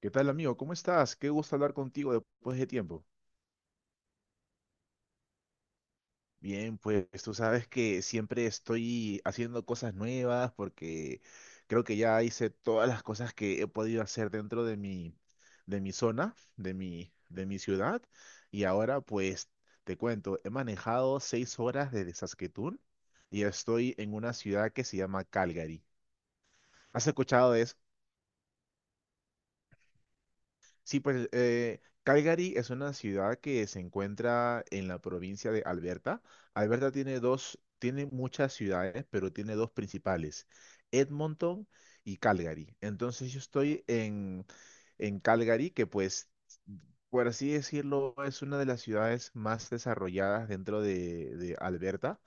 ¿Qué tal, amigo? ¿Cómo estás? Qué gusto hablar contigo después de tiempo. Bien, pues tú sabes que siempre estoy haciendo cosas nuevas porque creo que ya hice todas las cosas que he podido hacer dentro de mi zona, de mi ciudad. Y ahora, pues, te cuento, he manejado 6 horas desde Saskatoon y estoy en una ciudad que se llama Calgary. ¿Has escuchado de eso? Sí, pues Calgary es una ciudad que se encuentra en la provincia de Alberta. Alberta tiene dos, tiene muchas ciudades, pero tiene dos principales, Edmonton y Calgary. Entonces yo estoy en Calgary, que pues, por así decirlo, es una de las ciudades más desarrolladas dentro de Alberta.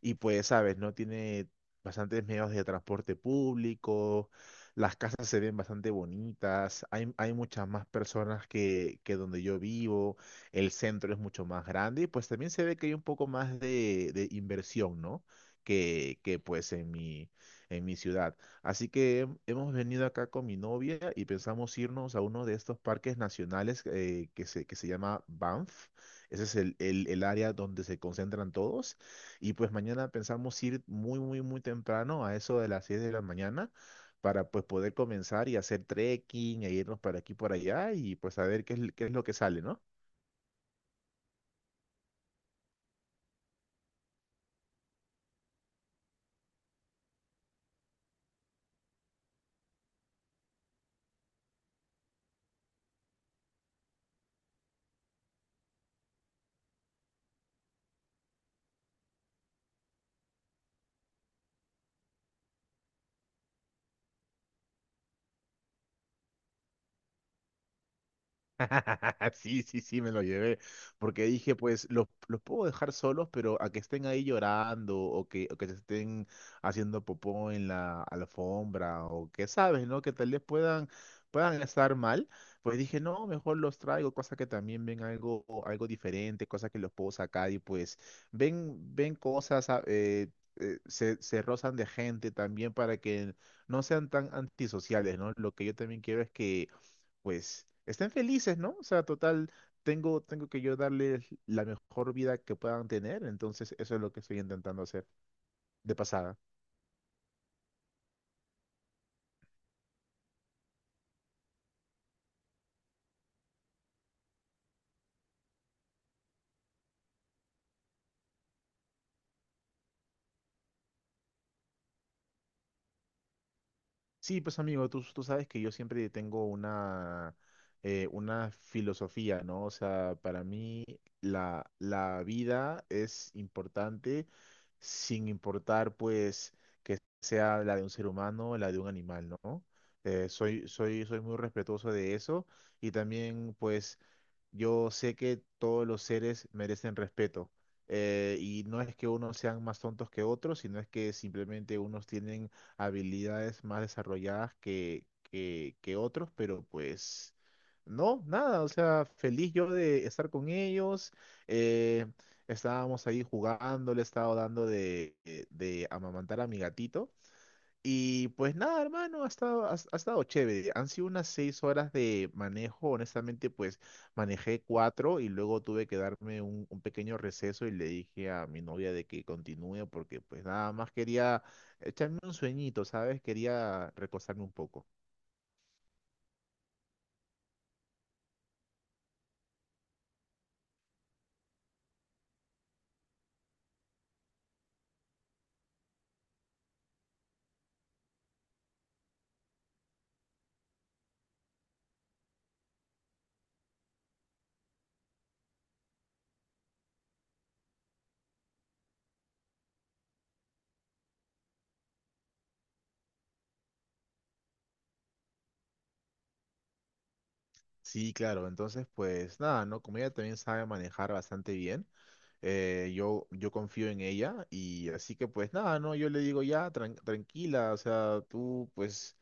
Y pues, sabes, ¿no? Tiene bastantes medios de transporte público, las casas se ven bastante bonitas, hay muchas más personas que donde yo vivo, el centro es mucho más grande y pues también se ve que hay un poco más de inversión, ¿no? Que pues en mi, ciudad. Así que hemos venido acá con mi novia y pensamos irnos a uno de estos parques nacionales que se llama Banff. Ese es el, el área donde se concentran todos. Y pues mañana pensamos ir muy, muy, muy temprano, a eso de las 6 de la mañana, para pues poder comenzar y hacer trekking e irnos para aquí por allá y pues a ver qué es lo que sale, ¿no? Sí, sí, sí, me lo llevé. Porque dije, pues, los puedo dejar solos, pero a que estén ahí llorando o que se estén haciendo popó en la alfombra o que sabes, ¿no? Que tal vez puedan estar mal. Pues dije, no, mejor los traigo, cosa que también ven algo diferente, cosas que los puedo sacar y pues ven cosas, se rozan de gente también para que no sean tan antisociales, ¿no? Lo que yo también quiero es que pues estén felices, ¿no? O sea, total, tengo que yo darles la mejor vida que puedan tener, entonces eso es lo que estoy intentando hacer de pasada. Sí, pues amigo, tú sabes que yo siempre tengo una filosofía, ¿no? O sea, para mí la vida es importante sin importar, pues, que sea la de un ser humano o la de un animal, ¿no? Soy muy respetuoso de eso y también, pues, yo sé que todos los seres merecen respeto. Y no es que unos sean más tontos que otros, sino es que simplemente unos tienen habilidades más desarrolladas que otros, pero pues no, nada. O sea, feliz yo de estar con ellos. eh, Estábamos ahí jugando, le estaba dando de amamantar a mi gatito. Y pues nada, hermano, ha estado chévere. Han sido unas 6 horas de manejo. Honestamente, pues manejé cuatro y luego tuve que darme un pequeño receso y le dije a mi novia de que continúe porque pues nada más quería echarme un sueñito, ¿sabes? Quería recostarme un poco. Sí, claro. Entonces, pues nada, ¿no? Como ella también sabe manejar bastante bien, yo confío en ella y así que pues nada, ¿no? Yo le digo ya, tranquila, o sea, tú pues.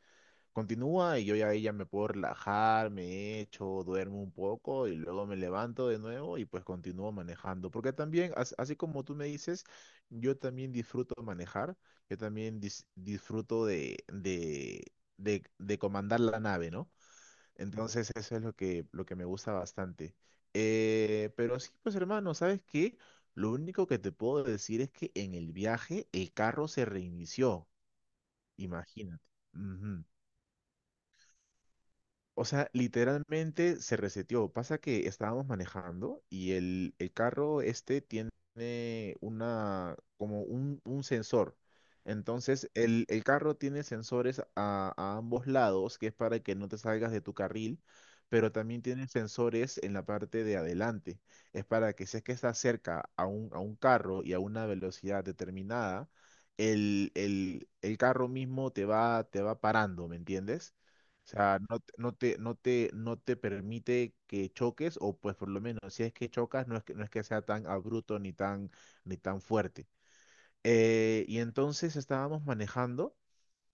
Continúa y yo ya ahí ya me puedo relajar, me echo, duermo un poco y luego me levanto de nuevo y pues continúo manejando. Porque también, así como tú me dices, yo también disfruto manejar, yo también disfruto de comandar la nave, ¿no? Entonces eso es lo que me gusta bastante. Pero sí, pues hermano, ¿sabes qué? Lo único que te puedo decir es que en el viaje el carro se reinició, imagínate. Ujú. O sea, literalmente se reseteó. Pasa que estábamos manejando y el carro este tiene como un sensor. Entonces, el carro tiene sensores a ambos lados, que es para que no te salgas de tu carril, pero también tiene sensores en la parte de adelante. Es para que si es que estás cerca a un, carro y a una velocidad determinada, el carro mismo te va parando, ¿me entiendes? O sea, no, no te permite que choques, o pues por lo menos si es que chocas, no es que sea tan abrupto ni tan fuerte. Y entonces estábamos manejando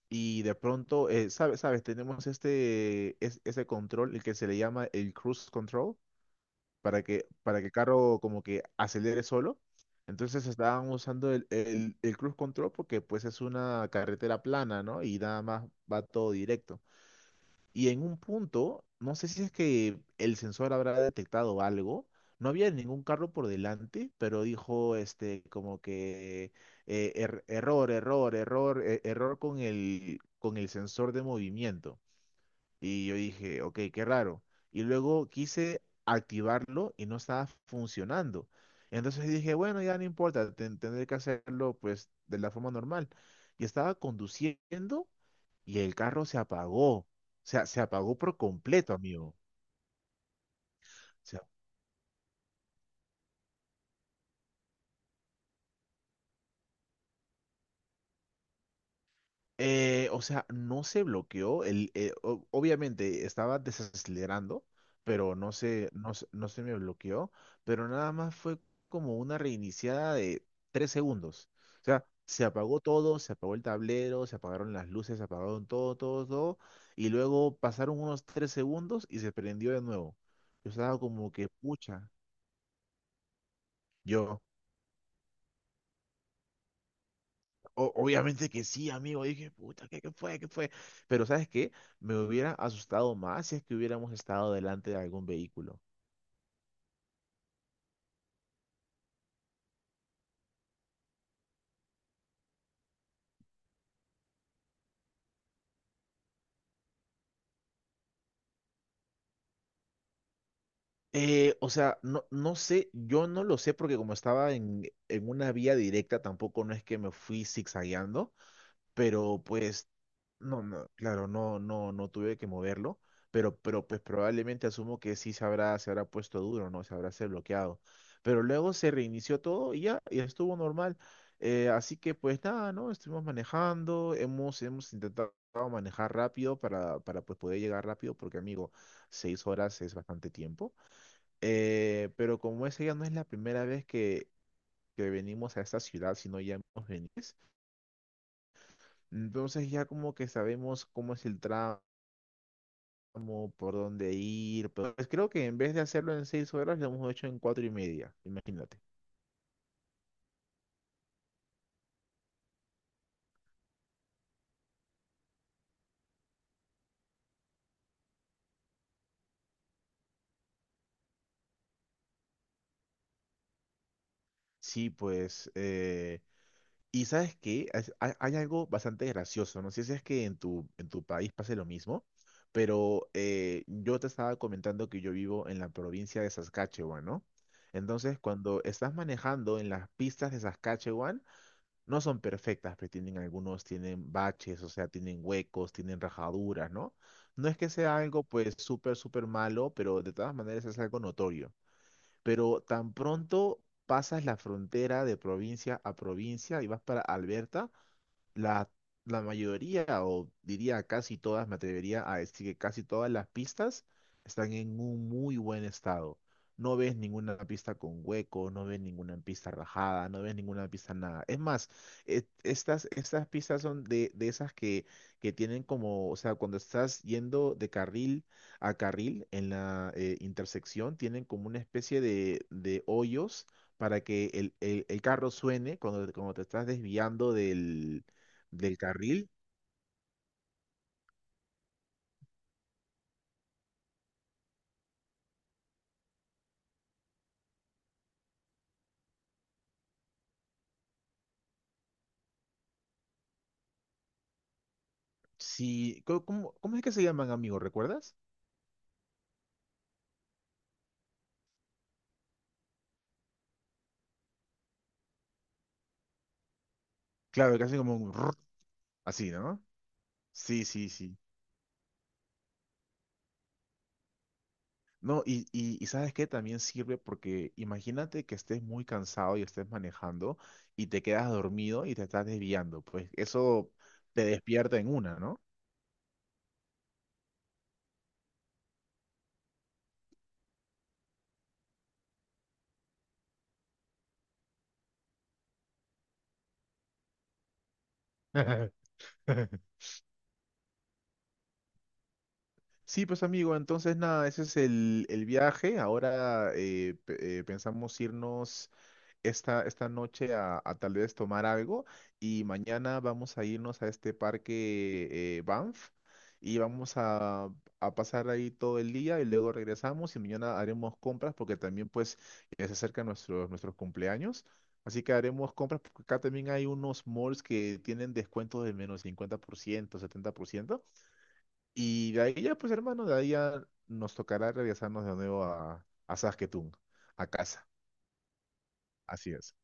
y de pronto, sabes, tenemos ese control, el que se le llama el cruise control, para que el carro como que acelere solo. Entonces estábamos usando el cruise control porque pues es una carretera plana, ¿no? Y nada más va todo directo. Y en un punto, no sé si es que el sensor habrá detectado algo, no había ningún carro por delante, pero dijo como que error, error, error, error con con el sensor de movimiento. Y yo dije, ok, qué raro. Y luego quise activarlo y no estaba funcionando. Entonces dije, bueno, ya no importa, tendré que hacerlo pues de la forma normal. Y estaba conduciendo y el carro se apagó. O sea, se apagó por completo, amigo. Sea, o sea, no se bloqueó. Obviamente estaba desacelerando, pero no se me bloqueó. Pero nada más fue como una reiniciada de 3 segundos. O sea, se apagó todo, se apagó el tablero, se apagaron las luces, se apagaron todo, todo, todo. Y luego pasaron unos 3 segundos y se prendió de nuevo. Yo estaba como que, pucha. Yo. Obviamente que sí, amigo. Dije, puta, ¿qué fue? ¿Qué fue? Pero ¿sabes qué? Me hubiera asustado más si es que hubiéramos estado delante de algún vehículo. O sea, no sé, yo no lo sé porque como estaba en, una vía directa, tampoco no es que me fui zigzagueando, pero pues. No, no, claro, no, no, no tuve que moverlo, pero pues probablemente asumo que sí se habrá puesto duro, ¿no? Se habrá se bloqueado. Pero luego se reinició todo y ya, y estuvo normal. Así que pues nada, ¿no? Estuvimos manejando, hemos intentado manejar rápido para pues poder llegar rápido, porque amigo, 6 horas es bastante tiempo. Pero como esa ya no es la primera vez que venimos a esta ciudad, sino ya hemos venido. Entonces ya como que sabemos cómo es el tramo como por dónde ir, pero pues creo que en vez de hacerlo en 6 horas, lo hemos hecho en cuatro y media, imagínate. Sí, pues, y sabes que hay algo bastante gracioso, no sé si es que en tu país pase lo mismo, pero yo te estaba comentando que yo vivo en la provincia de Saskatchewan, ¿no? Entonces, cuando estás manejando en las pistas de Saskatchewan, no son perfectas, pero tienen baches, o sea, tienen huecos, tienen rajaduras, ¿no? No es que sea algo pues súper, súper malo, pero de todas maneras es algo notorio. Pero tan pronto pasas la frontera de provincia a provincia y vas para Alberta, la, la mayoría, o diría casi todas, me atrevería a decir que casi todas las pistas están en un muy buen estado. No ves ninguna pista con hueco, no ves ninguna pista rajada, no ves ninguna pista nada. Es más, estas pistas son de esas que tienen como, o sea, cuando estás yendo de carril a carril en la intersección, tienen como una especie de hoyos para que el carro suene cuando te estás desviando del carril. Sí, ¿cómo es que se llaman, amigo? ¿Recuerdas? Claro, que hacen como un rrr, así, ¿no? Sí, sí, sí. No, y ¿sabes qué? También sirve porque imagínate que estés muy cansado y estés manejando y te quedas dormido y te estás desviando. Pues eso te despierta en una, ¿no? Sí, pues amigo, entonces nada, ese es el viaje. Ahora pensamos irnos esta noche a tal vez tomar algo y mañana vamos a irnos a este parque Banff y vamos a pasar ahí todo el día y luego regresamos y mañana haremos compras porque también pues ya se acercan nuestros cumpleaños. Así que haremos compras porque acá también hay unos malls que tienen descuentos de menos 50%, 70%. Y de ahí ya pues hermano, de ahí ya nos tocará regresarnos de nuevo a Saskatoon, a casa. Así es.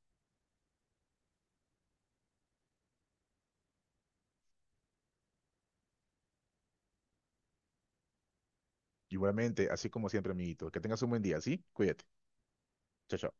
Igualmente, así como siempre, amiguito. Que tengas un buen día, ¿sí? Cuídate. Chao, chao.